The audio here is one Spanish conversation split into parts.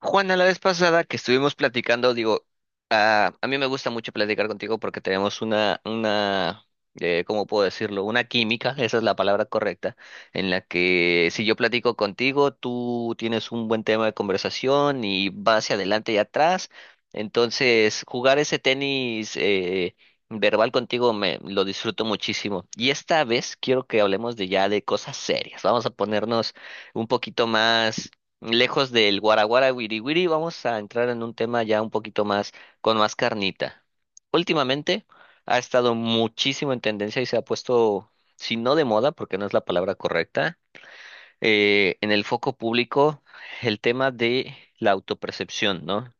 Juana, la vez pasada que estuvimos platicando, digo, a mí me gusta mucho platicar contigo porque tenemos una ¿cómo puedo decirlo? Una química, esa es la palabra correcta, en la que si yo platico contigo, tú tienes un buen tema de conversación y vas hacia adelante y atrás. Entonces, jugar ese tenis verbal contigo me lo disfruto muchísimo. Y esta vez quiero que hablemos de ya de cosas serias. Vamos a ponernos un poquito más lejos del guaraguara wiri wiri, vamos a entrar en un tema ya un poquito más, con más carnita. Últimamente ha estado muchísimo en tendencia y se ha puesto, si no de moda, porque no es la palabra correcta, en el foco público el tema de la autopercepción, ¿no?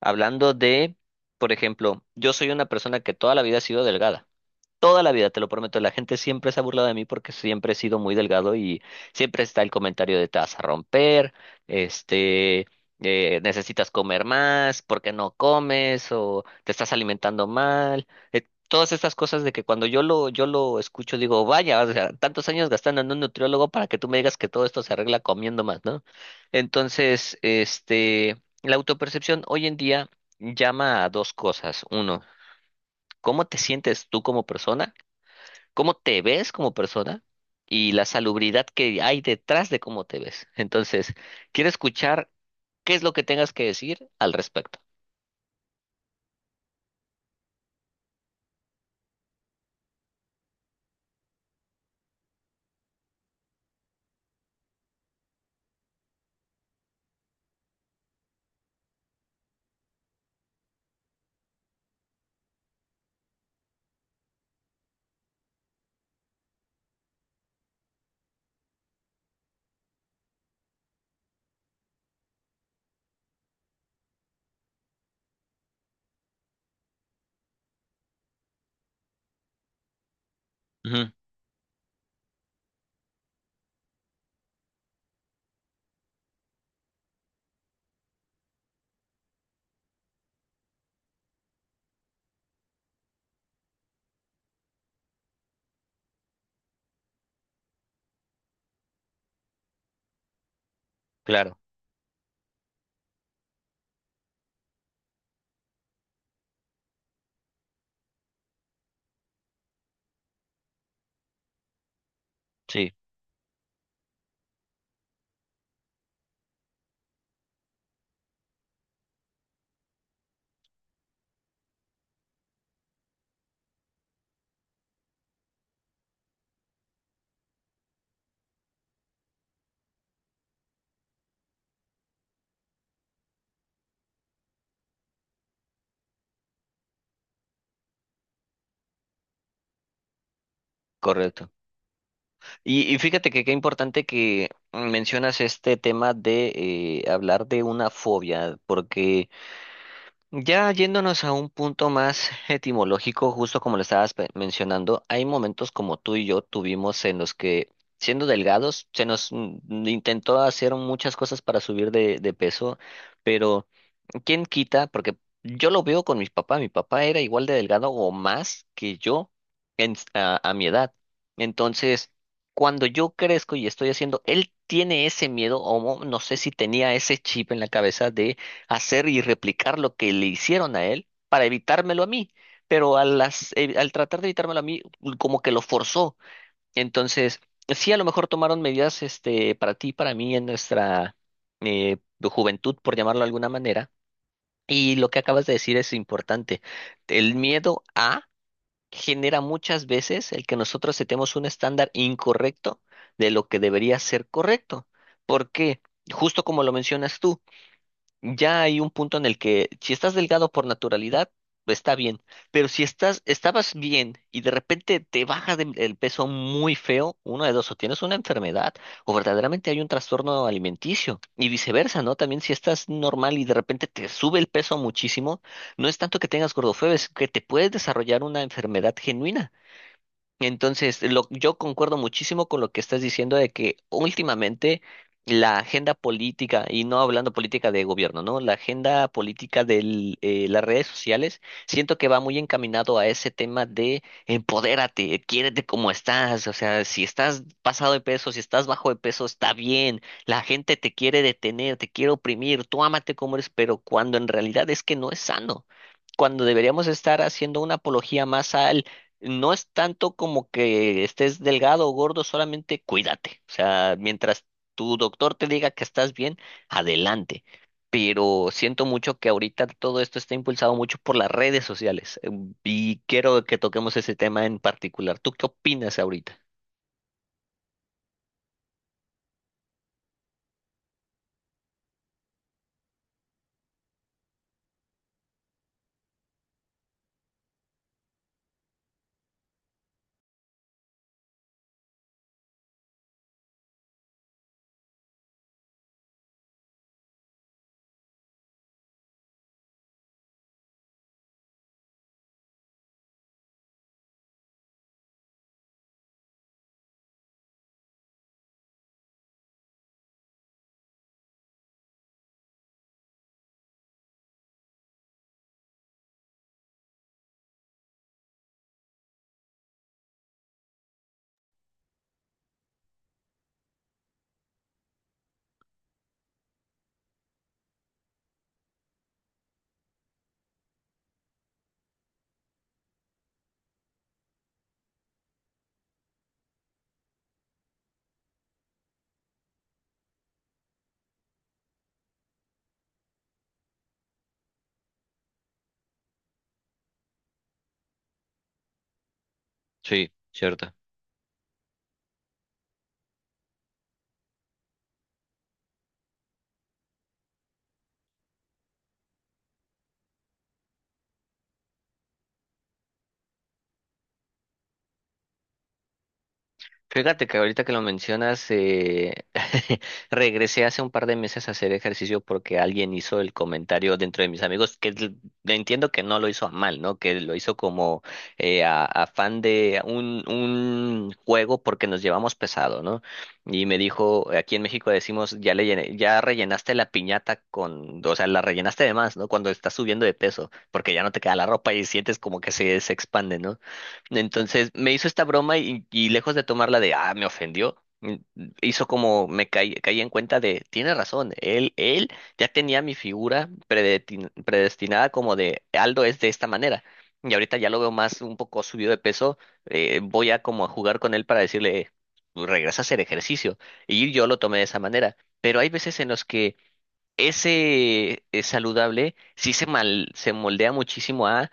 Hablando de, por ejemplo, yo soy una persona que toda la vida ha sido delgada. Toda la vida, te lo prometo, la gente siempre se ha burlado de mí porque siempre he sido muy delgado y siempre está el comentario de te vas a romper, este, necesitas comer más, ¿por qué no comes? O te estás alimentando mal. eh, Todas estas cosas de que cuando yo lo escucho digo, vaya, o sea, tantos años gastando en un nutriólogo para que tú me digas que todo esto se arregla comiendo más, ¿no? Entonces, la autopercepción hoy en día llama a dos cosas. Uno, ¿cómo te sientes tú como persona? ¿Cómo te ves como persona y la salubridad que hay detrás de cómo te ves? Entonces, quiero escuchar qué es lo que tengas que decir al respecto. Ujú, claro, sí, correcto. Y fíjate que qué importante que mencionas este tema de hablar de una fobia, porque ya yéndonos a un punto más etimológico, justo como lo estabas mencionando, hay momentos como tú y yo tuvimos en los que, siendo delgados, se nos intentó hacer muchas cosas para subir de peso, pero ¿quién quita? Porque yo lo veo con mis papás. Mi papá era igual de delgado o más que yo a mi edad. Entonces, cuando yo crezco y estoy haciendo, él tiene ese miedo, o no sé si tenía ese chip en la cabeza de hacer y replicar lo que le hicieron a él para evitármelo a mí. Pero al tratar de evitármelo a mí, como que lo forzó. Entonces, sí, a lo mejor tomaron medidas este, para ti, para mí, en nuestra eh, juventud, por llamarlo de alguna manera, y lo que acabas de decir es importante. El miedo genera muchas veces el que nosotros setemos un estándar incorrecto de lo que debería ser correcto. ¿Por qué? Justo como lo mencionas tú, ya hay un punto en el que si estás delgado por naturalidad, está bien, pero si estás, estabas bien y de repente te baja el peso muy feo, uno de dos, o tienes una enfermedad o verdaderamente hay un trastorno alimenticio, y viceversa, ¿no? También si estás normal y de repente te sube el peso muchísimo, no es tanto que tengas gordofobia, es que te puedes desarrollar una enfermedad genuina. Entonces, lo, yo concuerdo muchísimo con lo que estás diciendo de que últimamente la agenda política, y no hablando política de gobierno, ¿no? La agenda política de las redes sociales, siento que va muy encaminado a ese tema de empodérate, quiérete como estás, o sea, si estás pasado de peso, si estás bajo de peso, está bien, la gente te quiere detener, te quiere oprimir, tú ámate como eres, pero cuando en realidad es que no es sano. Cuando deberíamos estar haciendo una apología más al no es tanto como que estés delgado o gordo, solamente cuídate. O sea, mientras tu doctor te diga que estás bien, adelante. Pero siento mucho que ahorita todo esto está impulsado mucho por las redes sociales. Y quiero que toquemos ese tema en particular. ¿Tú qué opinas ahorita? Sí, cierto. Fíjate que ahorita que lo mencionas, regresé hace un par de meses a hacer ejercicio porque alguien hizo el comentario dentro de mis amigos, que entiendo que no lo hizo a mal, ¿no? Que lo hizo como a fan de un juego porque nos llevamos pesado, ¿no? Y me dijo, aquí en México decimos, ya ya rellenaste la piñata con, o sea, la rellenaste de más, ¿no? Cuando estás subiendo de peso, porque ya no te queda la ropa y sientes como que se expande, ¿no? Entonces me hizo esta broma y lejos de tomarla de, ah, me ofendió, hizo como me caí, caí en cuenta de, tiene razón, él ya tenía mi figura predestinada como de, Aldo es de esta manera. Y ahorita ya lo veo más un poco subido de peso, voy a jugar con él para decirle, tú regresa a hacer ejercicio." Y yo lo tomé de esa manera. Pero hay veces en los que ese saludable sí se moldea muchísimo a...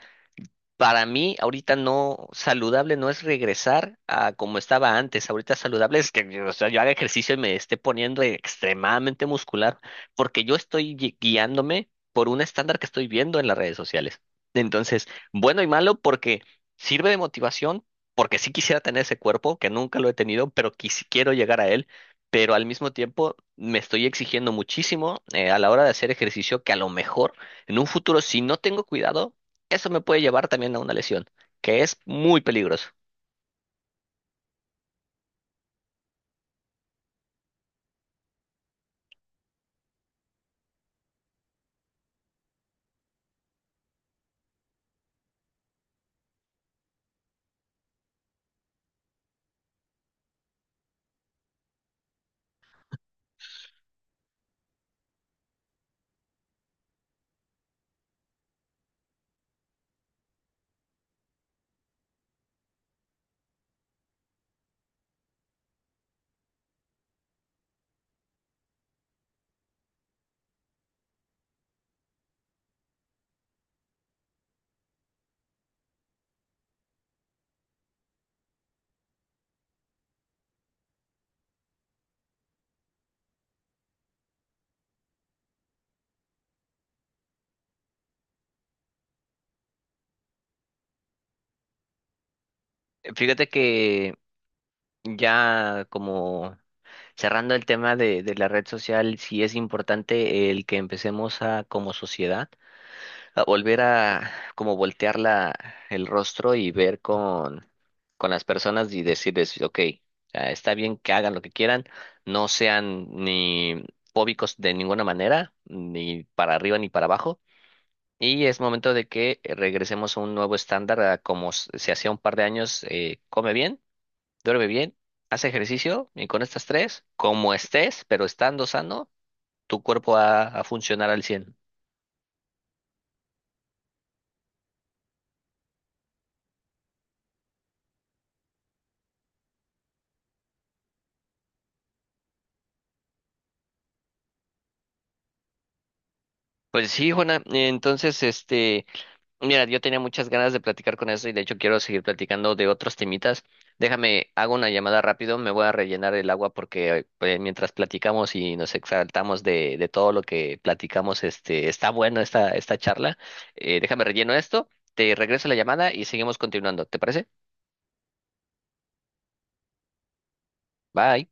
Para mí, ahorita no, saludable no es regresar a como estaba antes. Ahorita saludable es que yo, o sea, yo haga ejercicio y me esté poniendo extremadamente muscular, porque yo estoy guiándome por un estándar que estoy viendo en las redes sociales. Entonces, bueno y malo porque sirve de motivación, porque sí quisiera tener ese cuerpo, que nunca lo he tenido, pero quiero llegar a él, pero al mismo tiempo me estoy exigiendo muchísimo a la hora de hacer ejercicio que a lo mejor en un futuro, si no tengo cuidado, eso me puede llevar también a una lesión, que es muy peligroso. Fíjate que ya como cerrando el tema de la red social, sí es importante el que empecemos a, como sociedad, a volver a como voltear el rostro y ver con las personas y decirles, ok, ah, está bien que hagan lo que quieran, no sean ni fóbicos de ninguna manera, ni para arriba ni para abajo. Y es momento de que regresemos a un nuevo estándar, a como se hacía un par de años, come bien, duerme bien, haz ejercicio y con estas tres, como estés, pero estando sano, tu cuerpo va a funcionar al cien. Pues sí, Juana, entonces, este... Mira, yo tenía muchas ganas de platicar con eso y de hecho quiero seguir platicando de otros temitas. Déjame, hago una llamada rápido, me voy a rellenar el agua porque pues, mientras platicamos y nos exaltamos de todo lo que platicamos, este, está bueno esta charla. Déjame relleno esto, te regreso la llamada y seguimos continuando. ¿Te parece? Bye.